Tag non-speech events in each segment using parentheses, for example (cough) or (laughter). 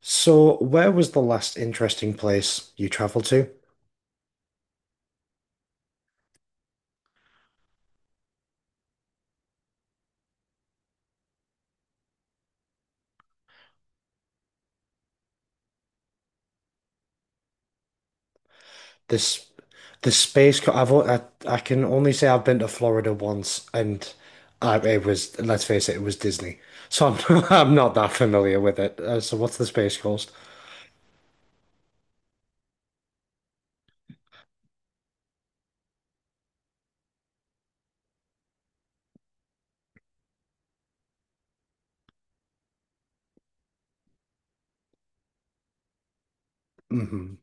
So, where was the last interesting place you traveled to? This, the space. Co- I've o- I can only say I've been to Florida once, and it was, let's face it, it was Disney. So I'm (laughs) I'm not that familiar with it. So what's the Space Coast? Hmm.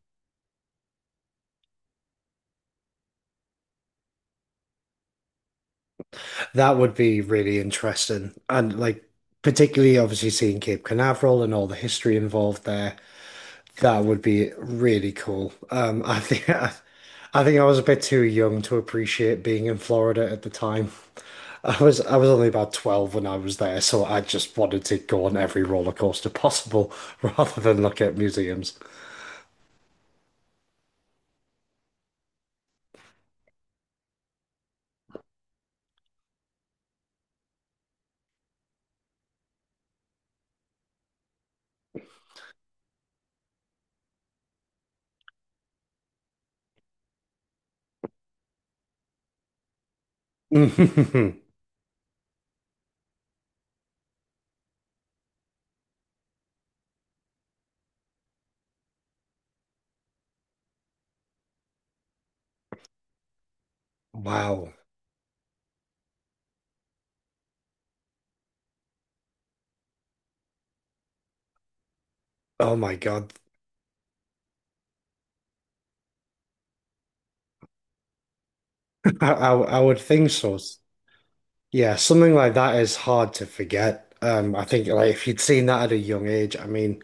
That would be really interesting, and like particularly obviously seeing Cape Canaveral and all the history involved there. That would be really cool. I think (laughs) think I was a bit too young to appreciate being in Florida at the time. I was only about 12 when I was there, so I just wanted to go on every roller coaster possible (laughs) rather than look at museums. (laughs) Wow. Oh my God. (laughs) I would think so. Yeah, something like that is hard to forget. I think like if you'd seen that at a young age, I mean,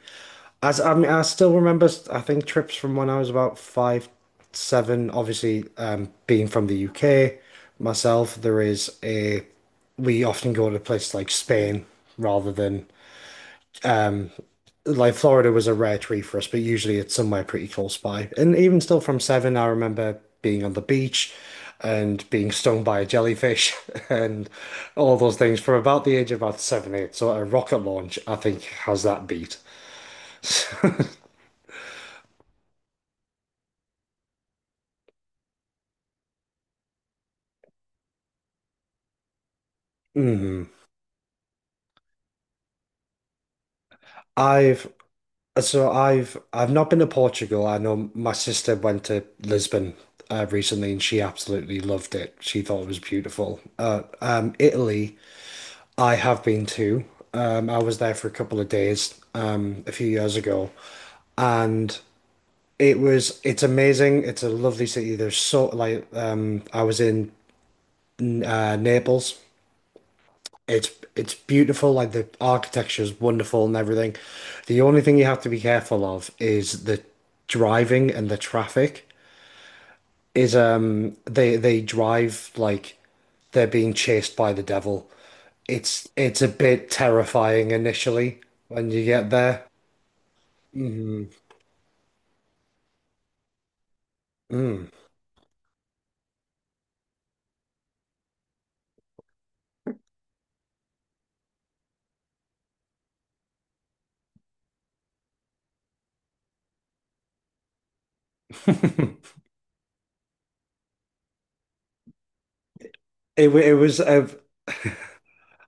As I mean, I still remember. I think trips from when I was about five, seven. Obviously, being from the UK myself, there is a. We often go to places like Spain rather than Florida. Was a rare treat for us, but usually it's somewhere pretty close by. And even still from seven, I remember being on the beach and being stung by a jellyfish (laughs) and all those things from about the age of about seven, eight. So a rocket launch, I think, has that beat. Mhm. I've So I've not been to Portugal. I know my sister went to Lisbon recently, and she absolutely loved it. She thought it was beautiful. Italy, I have been to. I was there for a couple of days a few years ago, and it's amazing. It's a lovely city. There's so like I was in Naples. It's beautiful, like the architecture is wonderful and everything. The only thing you have to be careful of is the driving, and the traffic is, they, drive like they're being chased by the devil. It's a bit terrifying initially when you get there. Mm, mm. It wa- it was a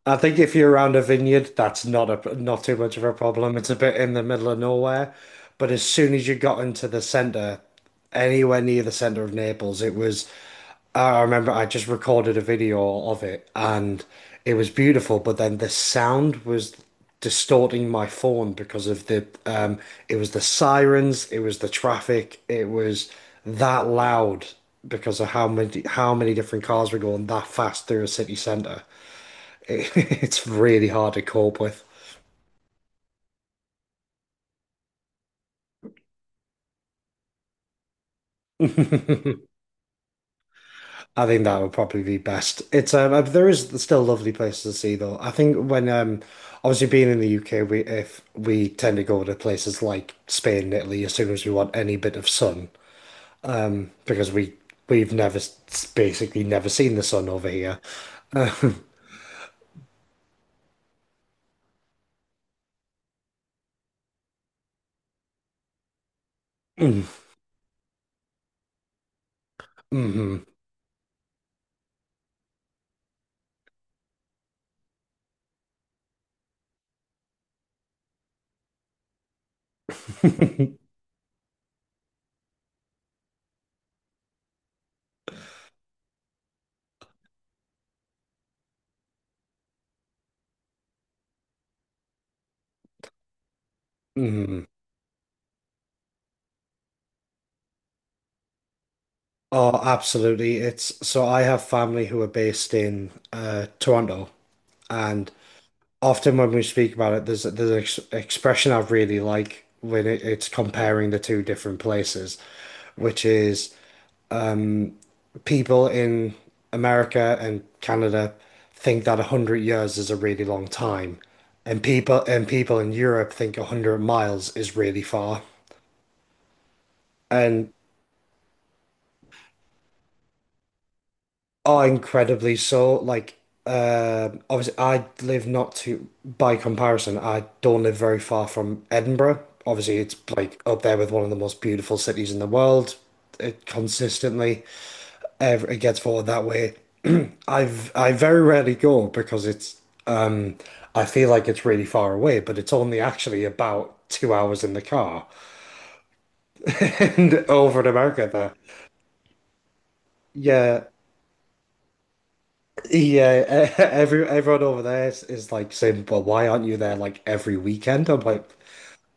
I think if you're around a vineyard, that's not a not too much of a problem. It's a bit in the middle of nowhere, but as soon as you got into the center, anywhere near the center of Naples, it was. I remember I just recorded a video of it, and it was beautiful. But then the sound was distorting my phone because of the, it was the sirens, it was the traffic, it was that loud because of how many different cars were going that fast through a city center, it- (laughs) it's really hard to cope with. (laughs) I think that would probably be best. It's there is still lovely places to see though. I think when, obviously being in the UK, we if we tend to go to places like Spain and Italy as soon as we want any bit of sun, because we've never s- basically never seen the sun over here. Hmm. Hmm. (laughs) Oh, absolutely. It's so I have family who are based in Toronto, and often when we speak about it, there's an ex expression I really like when it's comparing the two different places, which is, um, people in America and Canada think that 100 years is a really long time, and people in Europe think 100 miles is really far. And Oh, incredibly so. Like, obviously, I live, not too, by comparison, I don't live very far from Edinburgh. Obviously, it's like up there with one of the most beautiful cities in the world. It consistently, ever, it gets voted that way. (clears throat) I very rarely go because it's, um I feel like it's really far away, but it's only actually about 2 hours in the car (laughs) and over in America there. Yeah, Yeah, (laughs) everyone over there is like saying, "But why aren't you there like every weekend?" I'm like,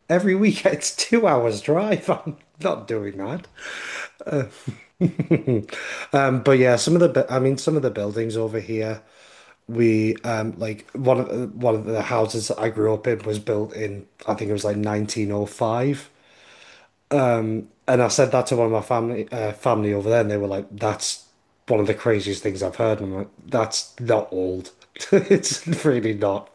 "Every weekend, it's 2 hours drive. (laughs) I'm not doing that." But yeah, some of the, I mean, some of the buildings over here, we like one of the houses that I grew up in was built in, I think it was like 1905, and I said that to one of my family over there, and they were like, "That's one of the craziest things I've heard." And I'm like, "That's not old. (laughs) It's really not."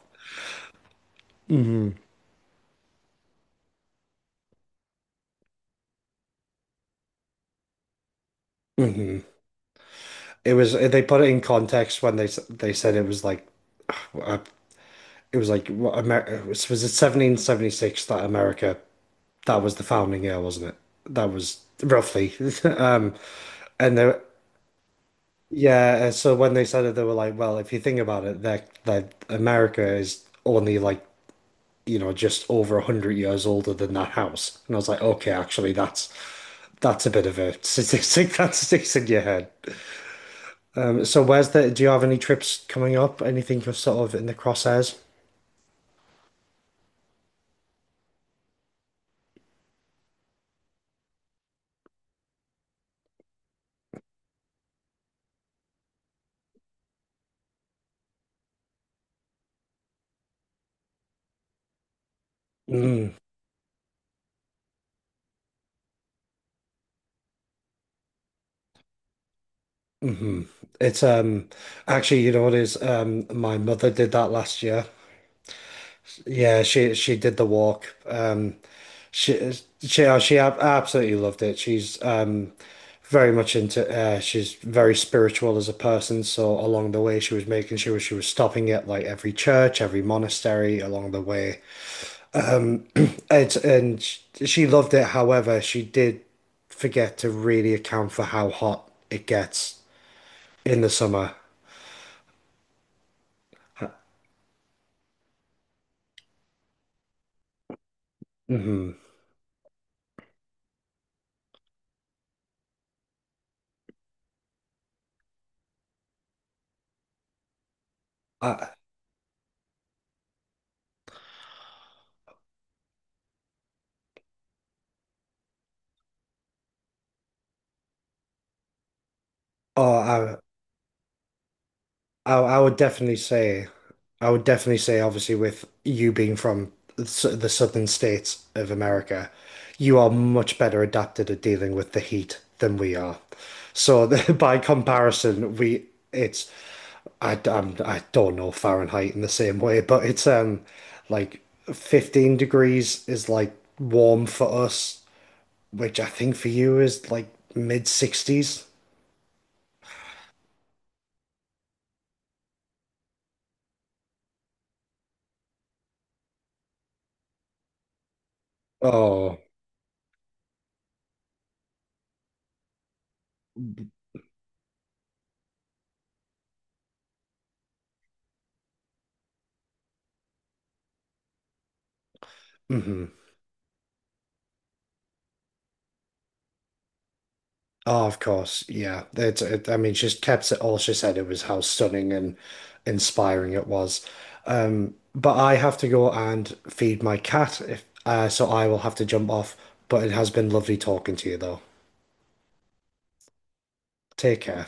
Mhm. It was, they put it in context when they said it was like, uh, it was like, what America was it 1776 that America, that was the founding year, wasn't it? That was roughly. (laughs) Um and they Yeah, and so when they said it, they were like, well, if you think about it, that America is only like, you know, just over 100 years older than that house. And I was like, okay, actually that's a bit of a statistic (laughs) that's sticks in your head. So where's the, do you have any trips coming up? Anything for sort of in the crosshairs? Mm, hmm. It's actually, you know what it is? My mother did that last year. Yeah, she did the walk. She she she absolutely loved it. She's, very much into, she's very spiritual as a person, so along the way she was making sure she was stopping at like every church, every monastery along the way. It's and sh- she loved it. However, she did forget to really account for how hot it gets in the summer. Hmm. I, oh, I would definitely say, obviously, with you being from the southern states of America, you are much better adapted at dealing with the heat than we are. So (laughs) by comparison, we it's, I, I'm, I don't know Fahrenheit in the same way, but it's, like, 15 degrees is like warm for us, which I think for you is like mid 60s. Oh, hmm. Oh, of course. Yeah. I mean, she's kept it all. She said it was how stunning and inspiring it was. But I have to go and feed my cat, if, so I will have to jump off. But it has been lovely talking to you though. Take care.